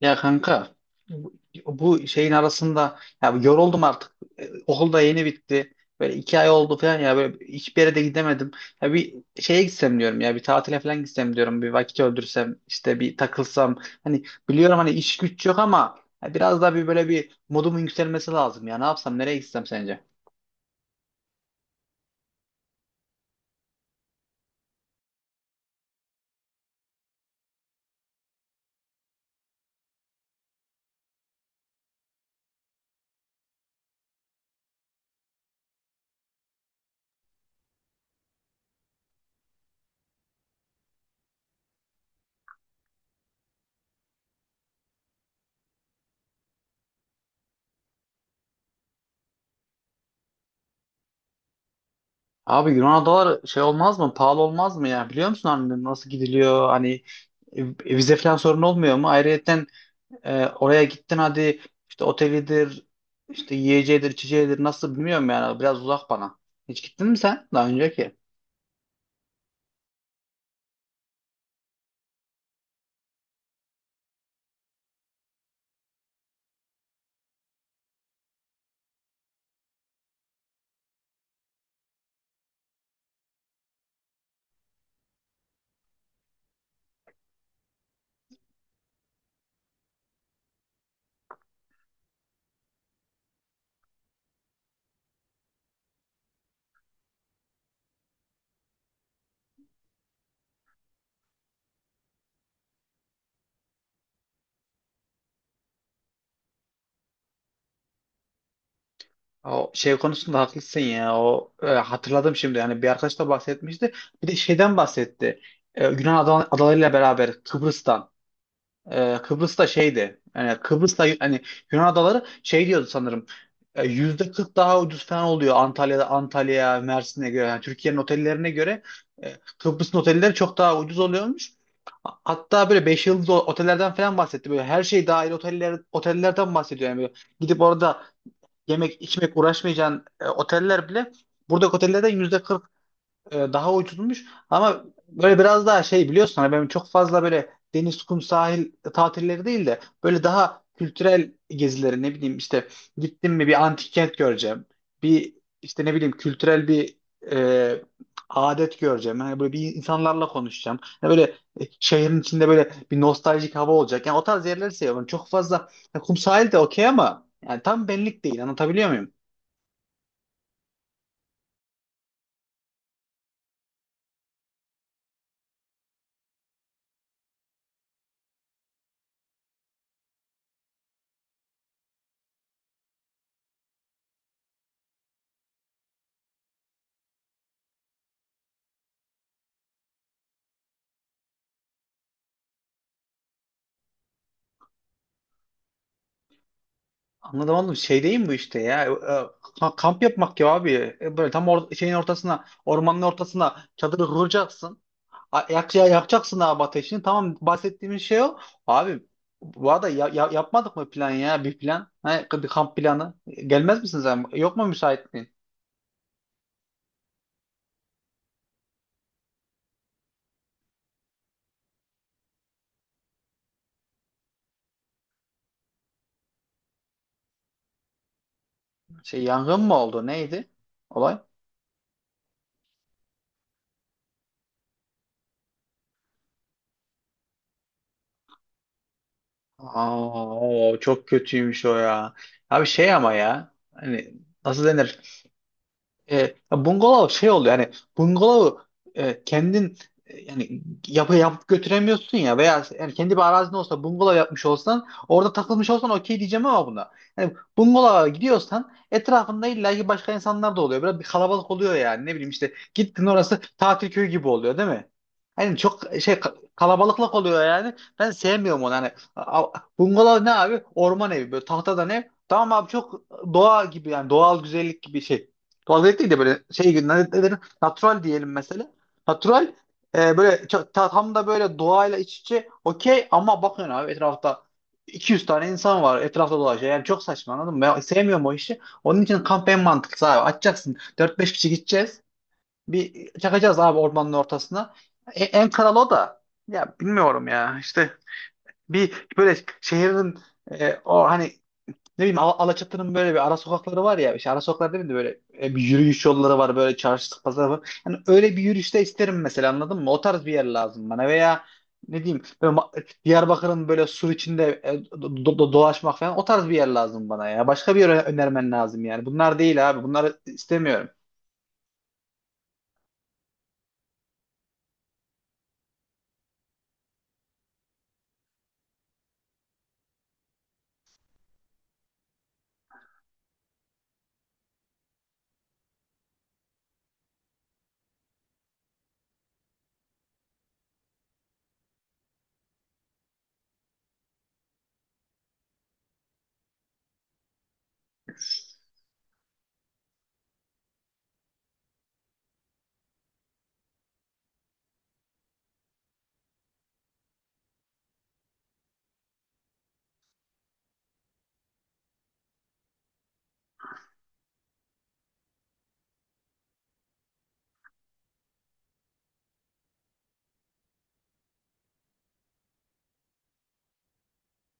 Ya kanka bu bu şeyin arasında ya yoruldum artık. Okul da yeni bitti. Böyle iki ay oldu falan ya böyle hiçbir yere de gidemedim. Ya bir şeye gitsem diyorum ya bir tatile falan gitsem diyorum. Bir vakit öldürsem işte bir takılsam. Hani biliyorum hani iş güç yok ama ya biraz daha bir böyle bir modumun yükselmesi lazım ya. Ne yapsam nereye gitsem sence? Abi Yunan adaları şey olmaz mı? Pahalı olmaz mı ya? Biliyor musun hani nasıl gidiliyor? Hani e, vize falan sorun olmuyor mu? Ayrıca oraya gittin hadi işte otelidir, işte yiyeceğidir, içeceğidir nasıl bilmiyorum yani biraz uzak bana. Hiç gittin mi sen daha önceki? O şey konusunda haklısın ya. O hatırladım şimdi. Yani bir arkadaş da bahsetmişti. Bir de şeyden bahsetti. Yunan adalarıyla beraber Kıbrıs'tan. Kıbrıs'ta şeydi. Yani Kıbrıs'ta hani Yunan adaları şey diyordu sanırım. %40 daha ucuz falan oluyor Antalya'da Antalya, Mersin'e göre. Yani Türkiye'nin otellerine göre Kıbrıs'ın otelleri çok daha ucuz oluyormuş. Hatta böyle 5 yıldızlı otellerden falan bahsetti. Böyle her şey dahil otellerden bahsediyor. Yani böyle gidip orada yemek, içmek uğraşmayacağın oteller bile buradaki otellerden yüzde kırk daha uydurulmuş ama böyle biraz daha şey biliyorsun hani benim çok fazla böyle deniz, kum, sahil tatilleri değil de böyle daha kültürel gezileri ne bileyim işte gittim mi bir antik kent göreceğim. Bir işte ne bileyim kültürel bir e, adet göreceğim. Yani böyle bir insanlarla konuşacağım. Yani böyle şehrin içinde böyle bir nostaljik hava olacak. Yani o tarz yerleri seviyorum. Çok fazla ya kum sahil de okey ama yani tam benlik değil. Anlatabiliyor muyum? Anladım anladım. Şey değil mi bu işte ya? Kamp yapmak ya abi. Böyle tam şeyin ortasına, ormanın ortasına çadırı kuracaksın. Yakacaksın abi ateşini. Tamam bahsettiğimiz şey o. Abi bu arada yapmadık mı plan ya? Bir plan. Ha, bir kamp planı. Gelmez misiniz, abi? Yok mu müsaitliğin? Şey yangın mı oldu? Neydi olay? Aa, o çok kötüymüş o ya. Abi şey ama ya. Hani nasıl denir? E, ya bungalov şey oluyor yani bungalovu kendin yani yapıp götüremiyorsun ya veya yani kendi bir arazin olsa bungalov yapmış olsan orada takılmış olsan okey diyeceğim ama buna. Yani bungalova gidiyorsan etrafında illa ki başka insanlar da oluyor. Biraz bir kalabalık oluyor yani ne bileyim işte gittin orası tatil köyü gibi oluyor değil mi? Hani çok şey kalabalıklık oluyor yani. Ben sevmiyorum onu hani. Bungalov ne abi? Orman evi böyle tahtadan ev. Tamam abi çok doğa gibi yani doğal güzellik gibi şey. Tuvalet değil de böyle şey gibi ne denir? Natural diyelim mesela. Natural böyle tam da böyle doğayla iç içe okey ama bakın abi etrafta 200 tane insan var etrafta dolaşıyor. Yani çok saçma anladın mı? Ben sevmiyorum o işi. Onun için kamp en mantıklısı abi. Açacaksın. Dört beş kişi gideceğiz. Bir çakacağız abi ormanın ortasına. En kral o da. Ya bilmiyorum ya. İşte bir böyle şehrin o hani ne bileyim Alaçatı'nın böyle bir ara sokakları var ya. İşte ara sokaklar değil mi? Böyle bir yürüyüş yolları var. Böyle çarşı pazar var. Yani öyle bir yürüyüşte isterim mesela anladın mı? O tarz bir yer lazım bana. Veya ne diyeyim böyle Diyarbakır'ın böyle sur içinde dolaşmak falan o tarz bir yer lazım bana ya. Başka bir yer önermen lazım yani. Bunlar değil abi. Bunları istemiyorum.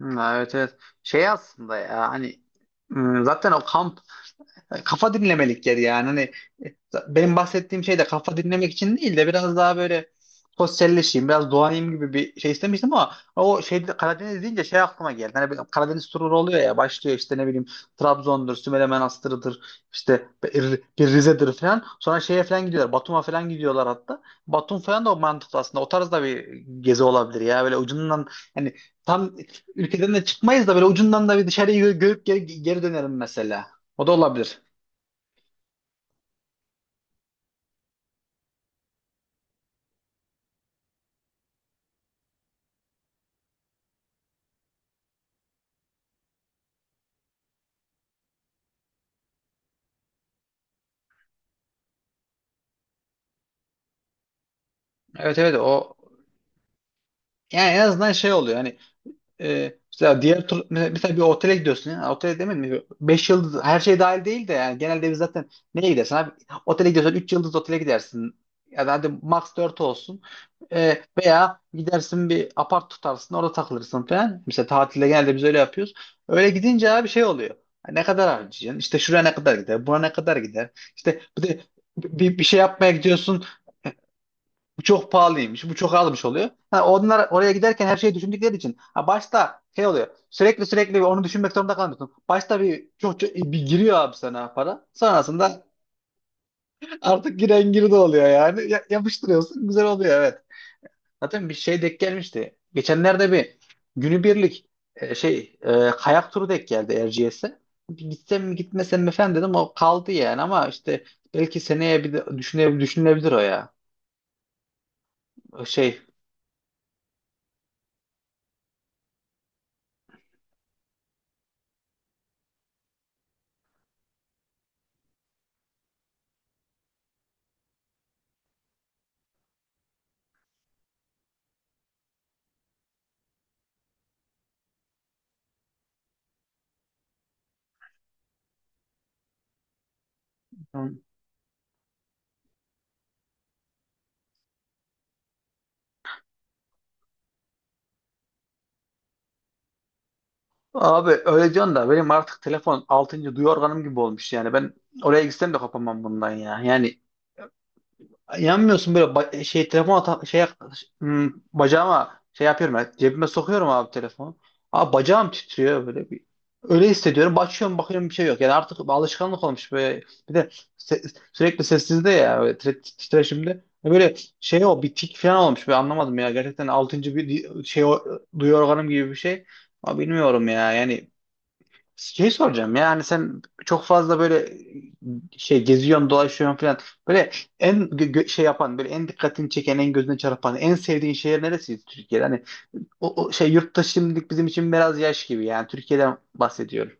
Hı, evet evet. Şey aslında ya hani zaten o kamp hani kafa dinlemelikleri yani. Hani e, benim bahsettiğim şey de kafa dinlemek için değil de biraz daha böyle sosyalleşeyim, biraz doğayım gibi bir şey istemiştim ama o şeyde Karadeniz deyince şey aklıma geldi. Hani bir Karadeniz turu oluyor ya başlıyor işte ne bileyim Trabzon'dur, Sümele Manastır'ıdır, işte bir Rize'dir falan. Sonra şeye falan gidiyorlar. Batum'a falan gidiyorlar hatta. Batum falan da o mantıklı aslında. O tarzda bir gezi olabilir ya. Böyle ucundan hani tam ülkeden de çıkmayız da böyle ucundan da bir dışarıyı görüp geri, geri dönerim mesela. O da olabilir. Evet evet o yani en azından şey oluyor hani mesela diğer tur mesela, bir otele gidiyorsun ya otele demedim mi 5 yıldız her şey dahil değil de yani genelde biz zaten neye gidersin abi otele gidiyorsan 3 yıldız otele gidersin ya da hadi max 4 olsun. Veya gidersin bir apart tutarsın orada takılırsın falan mesela tatilde genelde biz öyle yapıyoruz. Öyle gidince abi şey oluyor. Ha, ne kadar harcayacaksın işte şuraya ne kadar gider buna ne kadar gider işte bir de bir şey yapmaya gidiyorsun bu çok pahalıymış, bu çok almış oluyor. Ha, onlar oraya giderken her şeyi düşündükleri için. Ha, başta şey oluyor. Sürekli sürekli onu düşünmek zorunda kalmıyorsun. Başta bir çok bir giriyor abi sana para. Sonrasında artık giren girdi oluyor yani. Yapıştırıyorsun, güzel oluyor evet. Zaten bir şey denk gelmişti. Geçenlerde bir günübirlik şey kayak turu denk geldi Erciyes'e. Gitsem mi gitmesem mi falan dedim. O kaldı yani ama işte belki seneye bir de düşünülebilir o ya. O şey. Abi öyle diyorsun da benim artık telefon 6. duyu organım gibi olmuş yani ben oraya gitsem de kopamam bundan ya. Yani yanmıyorsun böyle şey telefon şey bacağıma şey yapıyorum ya, cebime sokuyorum abi telefonu. Abi bacağım titriyor böyle bir öyle hissediyorum. Bakıyorum bakıyorum bir şey yok. Yani artık alışkanlık olmuş böyle. Bir de sürekli sessizde ya böyle titreşimde. Böyle şey o bir tik falan olmuş. Ben anlamadım ya. Gerçekten 6. bir şey o, duyu organım gibi bir şey. Ama bilmiyorum ya. Yani şey soracağım ya hani sen çok fazla böyle şey geziyorsun dolaşıyorsun falan böyle en şey yapan böyle en dikkatini çeken en gözüne çarpan en sevdiğin şehir neresi Türkiye'de hani o şey yurtta şimdilik bizim için biraz yaş gibi yani Türkiye'den bahsediyorum.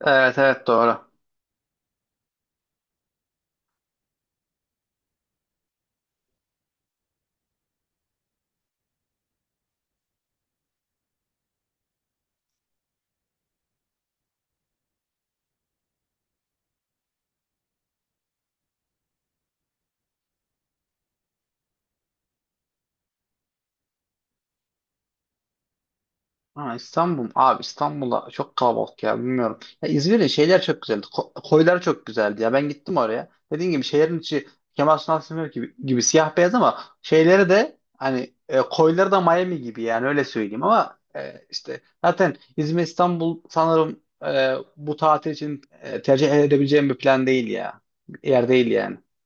Evet evet doğru. Ha, İstanbul. Abi İstanbul'a çok kalabalık ya bilmiyorum. Ya İzmir'in şeyler çok güzeldi. Koyları çok güzeldi ya. Ben gittim oraya. Dediğim gibi şehrin içi Kemal Sunal Sınır gibi, siyah beyaz ama şeyleri de hani koyları da Miami gibi yani öyle söyleyeyim ama işte zaten İzmir İstanbul sanırım bu tatil için tercih edebileceğim bir plan değil ya. Yer değil yani.